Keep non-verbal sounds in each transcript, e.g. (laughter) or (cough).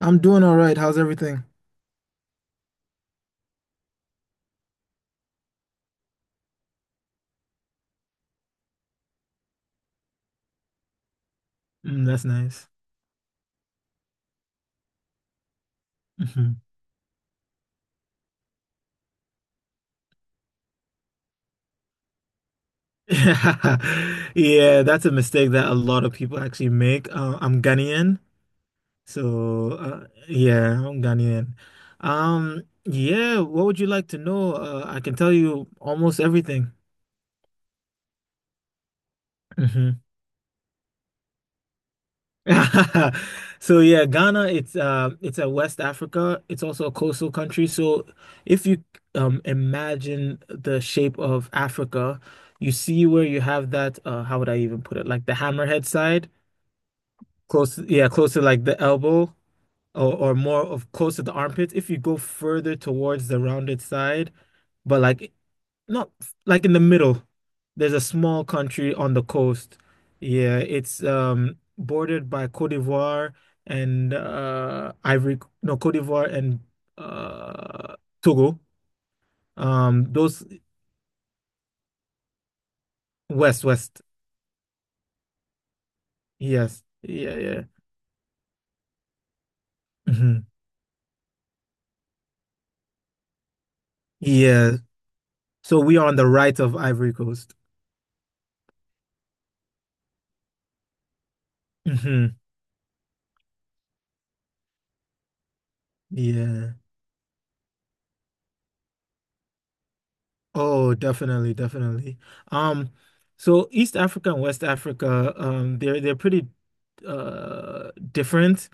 I'm doing all right. How's everything? Mm, that's nice. Mhm. (laughs) Yeah, that's a mistake that a lot of people actually make. I'm Ghanaian, so yeah, I'm Ghanaian. Yeah, what would you like to know? I can tell you almost everything. (laughs) So yeah, Ghana, it's a West Africa. It's also a coastal country. So if you imagine the shape of Africa, you see where you have that, how would I even put it? Like the hammerhead side, close, yeah, close to like the elbow or more of close to the armpits. If you go further towards the rounded side, but like not like in the middle. There's a small country on the coast. Yeah, it's bordered by Côte d'Ivoire and Ivory, no, Côte d'Ivoire and uh Togo. Those west, west. Yes. Yeah, yeah. Hmm. Yeah. So we are on the right of Ivory Coast. Hmm. Yeah. Oh, definitely, definitely. Um, so East Africa and West Africa, they're pretty different.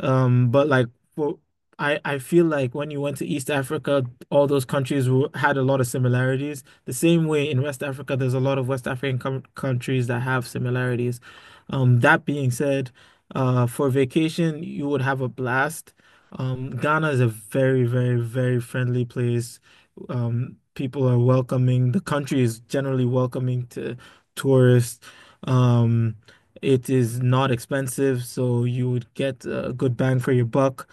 But like for I feel like when you went to East Africa, all those countries were, had a lot of similarities. The same way in West Africa, there's a lot of West African com countries that have similarities. That being said, for vacation, you would have a blast. Ghana is a very, very, very friendly place. People are welcoming. The country is generally welcoming to tourists. Um, it is not expensive, so you would get a good bang for your buck.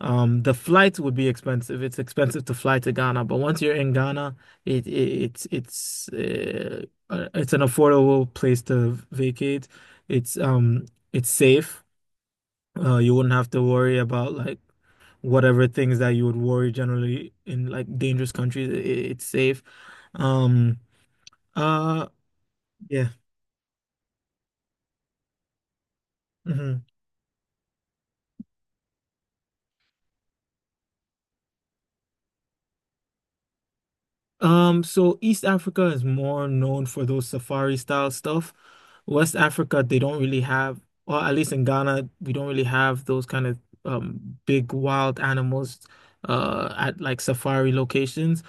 The flights would be expensive. It's expensive to fly to Ghana, but once you're in Ghana, it it's an affordable place to vacate. It's um it's safe. You wouldn't have to worry about like whatever things that you would worry generally in like dangerous countries. It's safe. Um, uh, yeah. Hmm. So East Africa is more known for those safari style stuff. West Africa, they don't really have, or at least in Ghana, we don't really have those kind of big wild animals at like safari locations.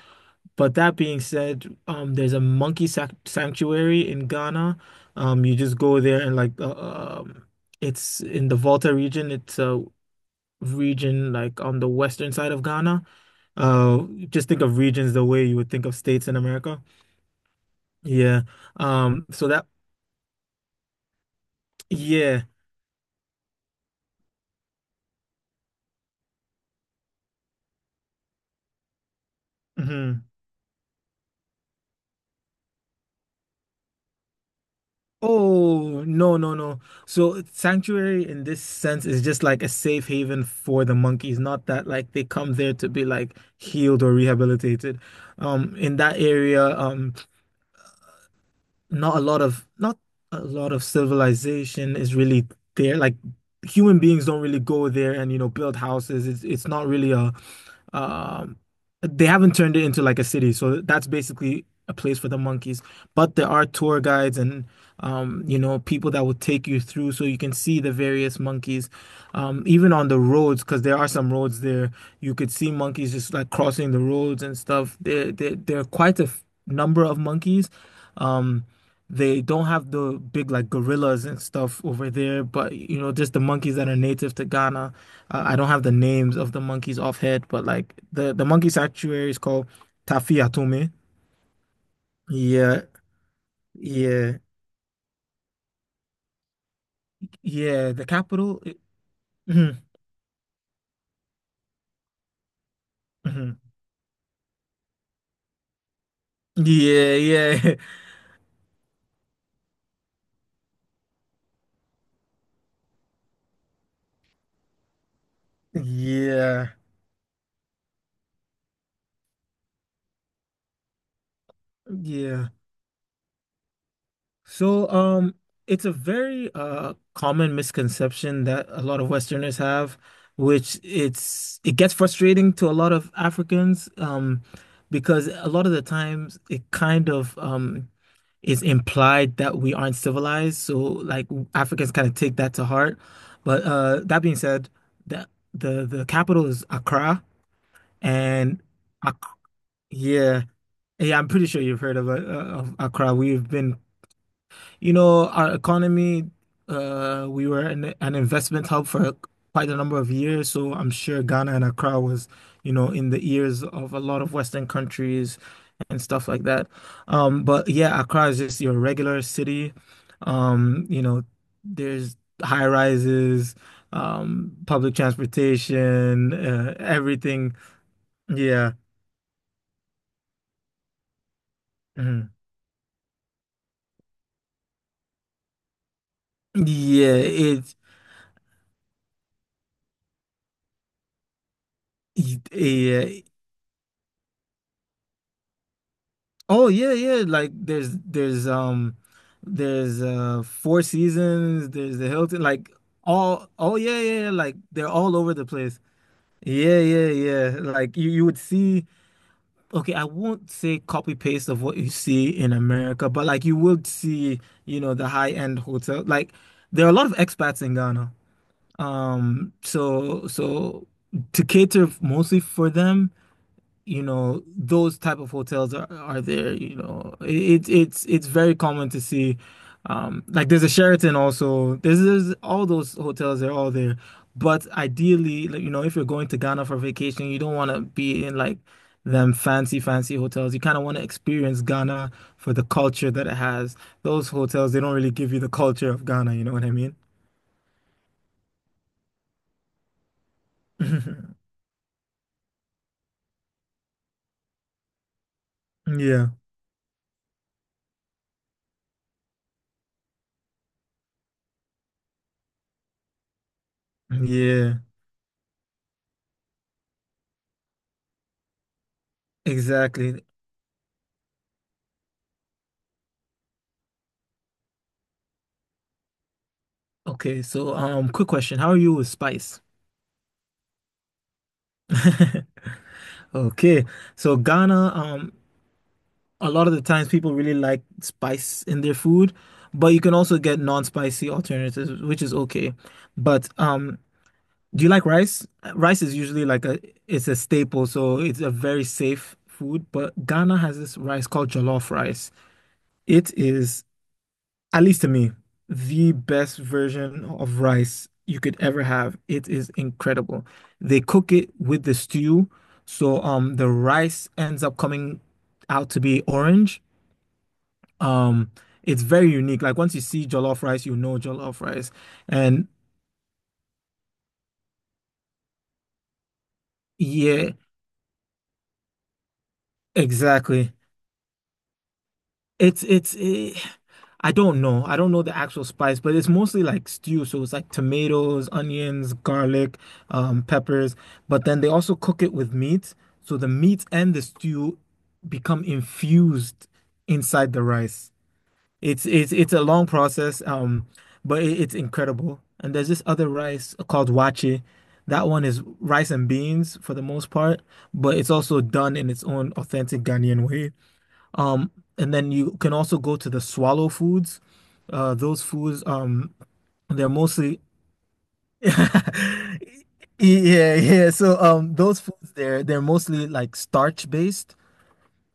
But that being said, there's a monkey sac sanctuary in Ghana. You just go there and like, it's in the Volta region. It's a region like on the western side of Ghana. Just think of regions the way you would think of states in America. Yeah. So that, yeah. Mhm. Oh, no, no, no. So sanctuary in this sense is just like a safe haven for the monkeys, not that like they come there to be like healed or rehabilitated. In that area, not a lot of civilization is really there. Like human beings don't really go there and build houses. It's not really a um, they haven't turned it into like a city, so that's basically a place for the monkeys. But there are tour guides and you know, people that will take you through so you can see the various monkeys. Even on the roads, because there are some roads there, you could see monkeys just like crossing the roads and stuff. There are quite a number of monkeys. Um, they don't have the big like gorillas and stuff over there, but you know, just the monkeys that are native to Ghana. I don't have the names of the monkeys off head, but like the monkey sanctuary is called Tafi Atome. Yeah, yeah, yeah. The capital. Mhm, mhm. Yeah, yeah, (laughs) yeah, yeah. So, it's a very common misconception that a lot of Westerners have, which it gets frustrating to a lot of Africans, because a lot of the times it kind of is implied that we aren't civilized. So like Africans kind of take that to heart. But that being said, the the capital is Accra and Ac yeah. Yeah, I'm pretty sure you've heard of Accra. We've been, you know, our economy, we were an investment hub for quite a number of years. So I'm sure Ghana and Accra was, you know, in the ears of a lot of Western countries and stuff like that. But yeah, Accra is just your regular city. You know, there's high rises, public transportation, everything. Yeah. Mhm. Yeah, it, it, oh yeah, yeah. Like there's Four Seasons, there's the Hilton, like all, oh yeah, yeah, yeah, like they're all over the place. Yeah, yeah, yeah. Like you would see, okay, I won't say copy paste of what you see in America, but like you would see, you know, the high-end hotel. Like there are a lot of expats in Ghana. So to cater mostly for them, you know, those type of hotels are there, you know, it's very common to see like there's a Sheraton, also there's all those hotels, they're all there, but ideally, like, you know, if you're going to Ghana for vacation, you don't want to be in like them fancy hotels, you kind of want to experience Ghana for the culture that it has. Those hotels, they don't really give you the culture of Ghana, you know what I mean? (laughs) Yeah, yeah, exactly. Okay, so quick question, how are you with spice? (laughs) Okay, so Ghana, a lot of the times people really like spice in their food, but you can also get non-spicy alternatives, which is okay. But do you like rice? Rice is usually like a, it's a staple, so it's a very safe food. But Ghana has this rice called jollof rice. It is, at least to me, the best version of rice you could ever have. It is incredible. They cook it with the stew, so the rice ends up coming out to be orange. Um, it's very unique. Like once you see jollof rice, you know jollof rice. And yeah, exactly. It's it's eh, I don't know. I don't know the actual spice, but it's mostly like stew. So it's like tomatoes, onions, garlic, peppers. But then they also cook it with meat. So the meat and the stew become infused inside the rice. It's a long process, but it's incredible. And there's this other rice called wache. That one is rice and beans for the most part, but it's also done in its own authentic Ghanaian way. Um, and then you can also go to the swallow foods. Those foods, they're mostly (laughs) yeah, yeah. So those foods, they're mostly like starch based.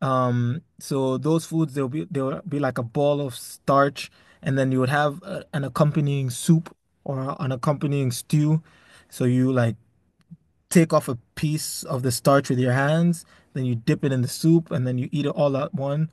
So those foods, they'll be like a ball of starch, and then you would have an accompanying soup or an accompanying stew. So you like take off a piece of the starch with your hands, then you dip it in the soup and then you eat it all at once.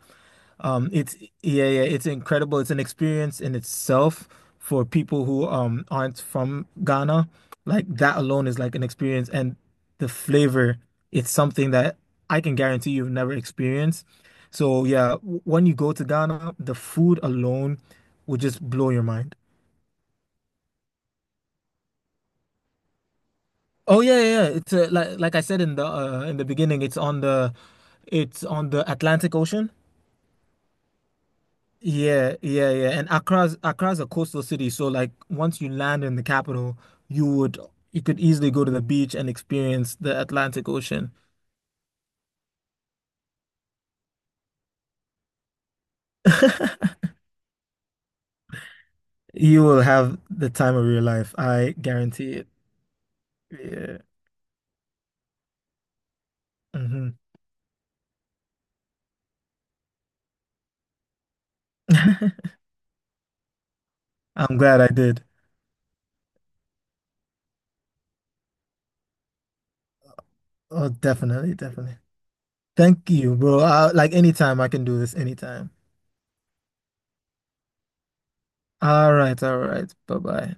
It's yeah, yeah, it's incredible. It's an experience in itself for people who aren't from Ghana. Like that alone is like an experience, and the flavor, it's something that I can guarantee you've never experienced. So yeah, when you go to Ghana, the food alone will just blow your mind. Oh yeah, yeah, yeah. It's like I said in the beginning, it's on the, it's on the Atlantic Ocean. Yeah, yeah, yeah. And Accra's a coastal city, so like once you land in the capital, you would you could easily go to the beach and experience the Atlantic Ocean. You will have the time of your life, I guarantee it. Yeah. Hmm. (laughs) I'm glad I did. Oh, definitely, definitely. Thank you, bro. I, like anytime, I can do this anytime. All right, all right. Bye-bye.